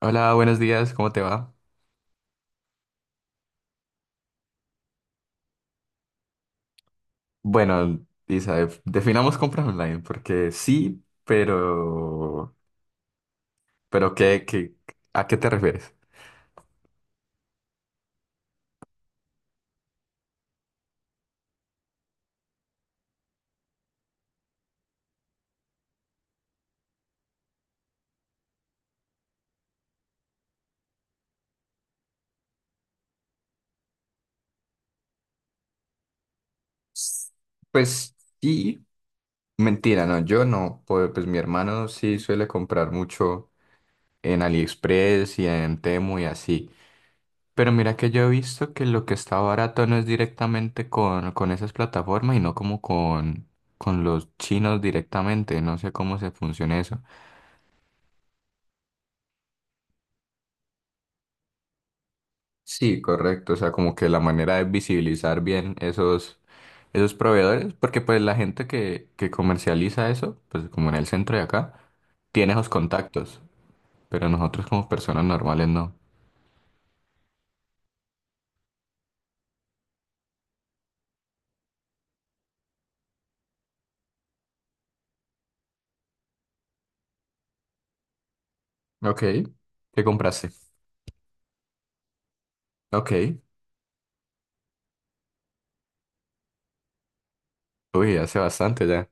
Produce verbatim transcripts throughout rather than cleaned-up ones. Hola, buenos días, ¿cómo te va? Bueno, Isa, def- definamos compras online, porque sí, pero, pero ¿qué, qué, a qué te refieres? Pues sí, mentira, no, yo no, pues, pues mi hermano sí suele comprar mucho en AliExpress y en Temu y así, pero mira que yo he visto que lo que está barato no es directamente con, con esas plataformas y no como con, con los chinos directamente, no sé cómo se funciona eso. Sí, correcto. O sea, como que la manera de visibilizar bien esos, esos proveedores, porque pues la gente que, que comercializa eso, pues como en el centro de acá, tiene esos contactos, pero nosotros como personas normales no. Ok, ¿qué compraste? Ok, uy, hace bastante ya.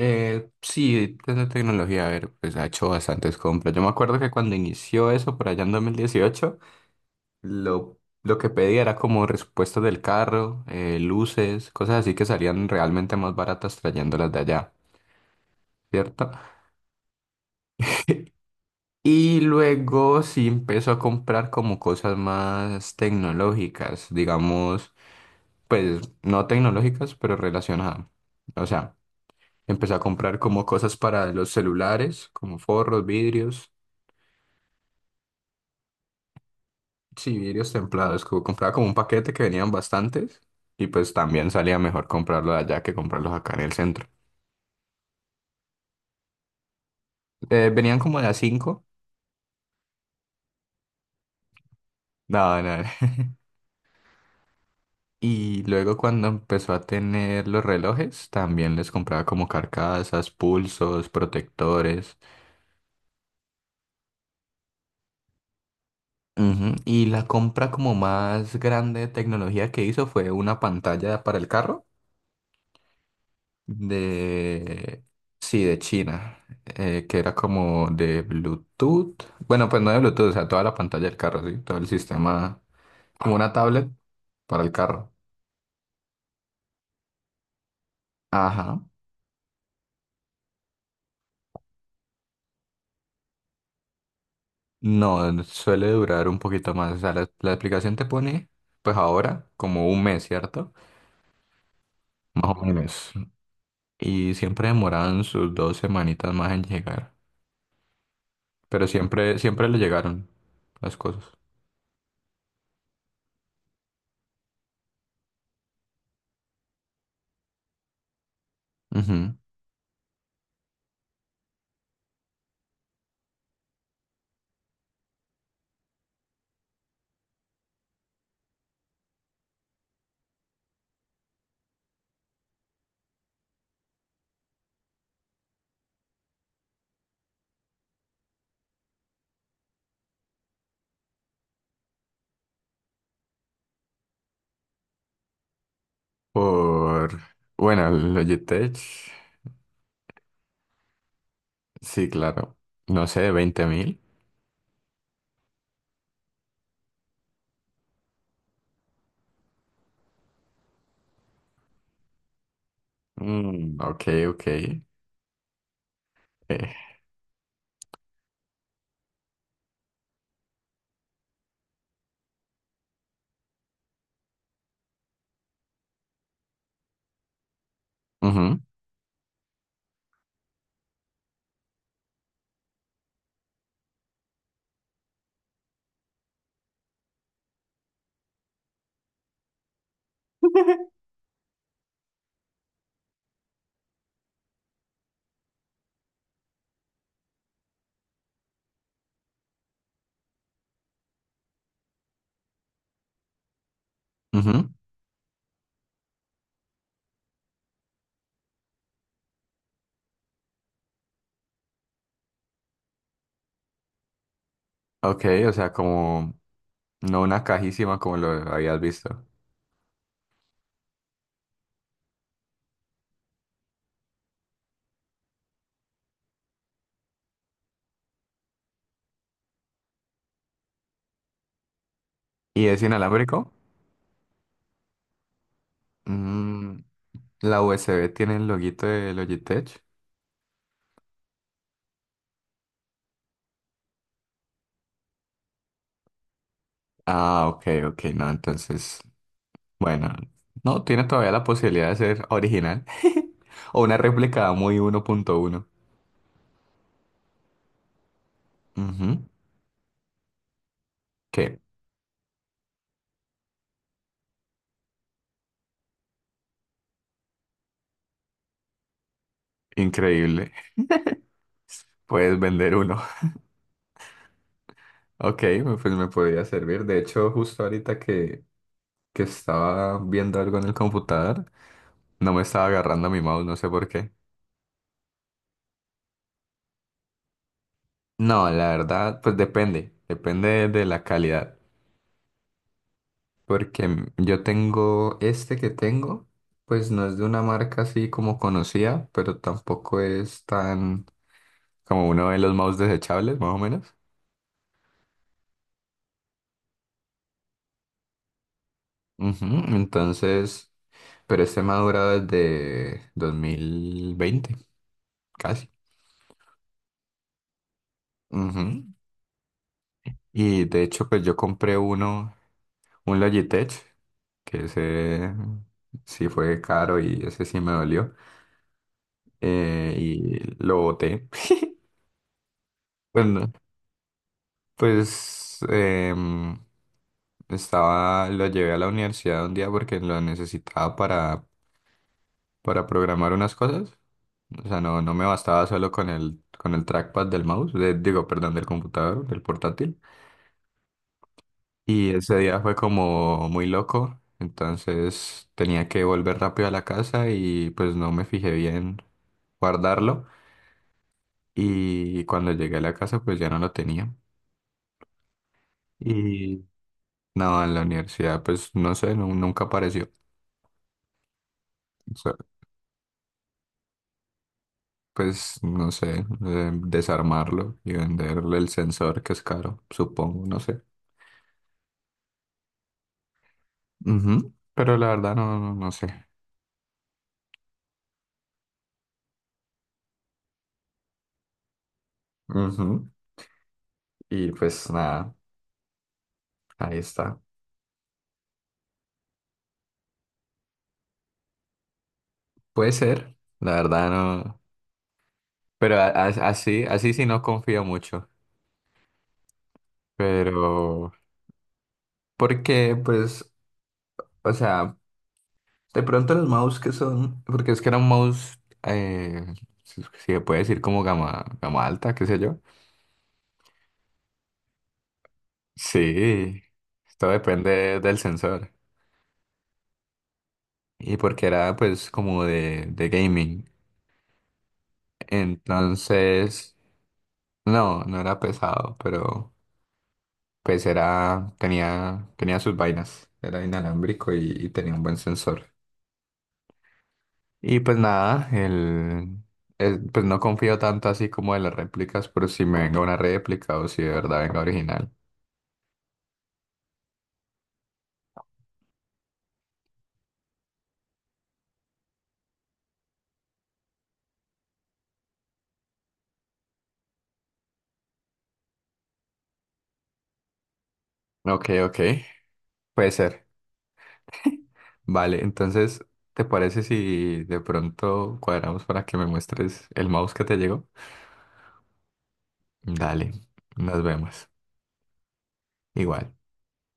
Eh, sí, desde tecnología, a ver, pues ha hecho bastantes compras. Yo me acuerdo que cuando inició eso, por allá en dos mil dieciocho Lo, lo que pedía era como respuestas del carro, eh, luces, cosas así que salían realmente más baratas trayéndolas de allá, ¿cierto? Y luego sí empezó a comprar como cosas más tecnológicas, digamos, pues no tecnológicas, pero relacionadas. O sea, empezó a comprar como cosas para los celulares, como forros, vidrios, sí, vidrios templados, como compraba como un paquete que venían bastantes y pues también salía mejor comprarlo allá que comprarlos acá en el centro. Eh, venían como de a cinco. No, no. No. Y luego cuando empezó a tener los relojes, también les compraba como carcasas, pulsos, protectores. Ujú. Y la compra como más grande de tecnología que hizo fue una pantalla para el carro de... Sí, de China, eh, que era como de Bluetooth. Bueno, pues no de Bluetooth, o sea, toda la pantalla del carro, sí, todo el sistema, como una tablet para el carro. Ajá. No, suele durar un poquito más. O sea, la, la aplicación te pone, pues ahora, como un mes, ¿cierto? Más o menos. Y siempre demoraban sus dos semanitas más en llegar. Pero siempre, siempre le llegaron las cosas. Ujú. Por, bueno, el Logitech, sí, claro. No sé, veinte mil. Mm, ok, ok. Eh, ujú, ujú. Ok, o sea, como, no una cajísima como lo habías visto. ¿Y es inalámbrico? Mm, la U S B tiene el loguito de Logitech. Ah, ok, ok, no, entonces, bueno, no, tiene todavía la posibilidad de ser original o una réplica muy uno punto uno. Ujú. Qué increíble, puedes vender uno. Ok, me- pues me podría servir. De hecho, justo ahorita que, que estaba viendo algo en el computador, no me estaba agarrando mi mouse, no sé por qué. No, la verdad, pues depende, depende de la calidad. Porque m- yo tengo este que tengo, pues no es de una marca así como conocida, pero tampoco es tan como uno de los mouse desechables, más o menos. Ujú. Entonces, pero este me ha durado desde dos mil veinte, casi. Ujú. Y de hecho, pues yo compré uno, un Logitech, que ese sí fue caro y ese sí me dolió. Eh, y lo boté. Bueno, pues em, estaba, lo llevé a la universidad un día porque lo necesitaba para, para programar unas cosas. O sea, no, no me bastaba solo con el, con el trackpad del mouse, de- digo, perdón, del computador, del portátil. Y ese día fue como muy loco, entonces tenía que volver rápido a la casa y pues no me fijé bien guardarlo. Y cuando llegué a la casa pues ya no lo tenía. Y no, en la universidad pues no sé, nu- nunca apareció. Pues no sé, eh, desarmarlo y venderle el sensor que es caro, supongo, no sé. Ujú. Pero la verdad no, no, no sé. Ujú. Y pues nada, ahí está. Puede ser, la verdad no. Pero a- a- así, así sí no confío mucho. Pero porque pues, o sea, de pronto los mouse que son, porque es que era un mouse, eh, si si se puede decir como gama, gama alta, qué sé yo. Sí, esto depende del sensor. Y porque era pues como de, de gaming. Entonces, no, no era pesado, pero pues era, tenía, tenía sus vainas, era inalámbrico y, y tenía un buen sensor. Y pues nada, el, el- pues no confío tanto así como de las réplicas, pero si me venga una réplica o si de verdad venga original. Ok, ok, puede ser. Vale, entonces, ¿te parece si de pronto cuadramos para que me muestres el mouse que te llegó? Dale, nos vemos. Igual.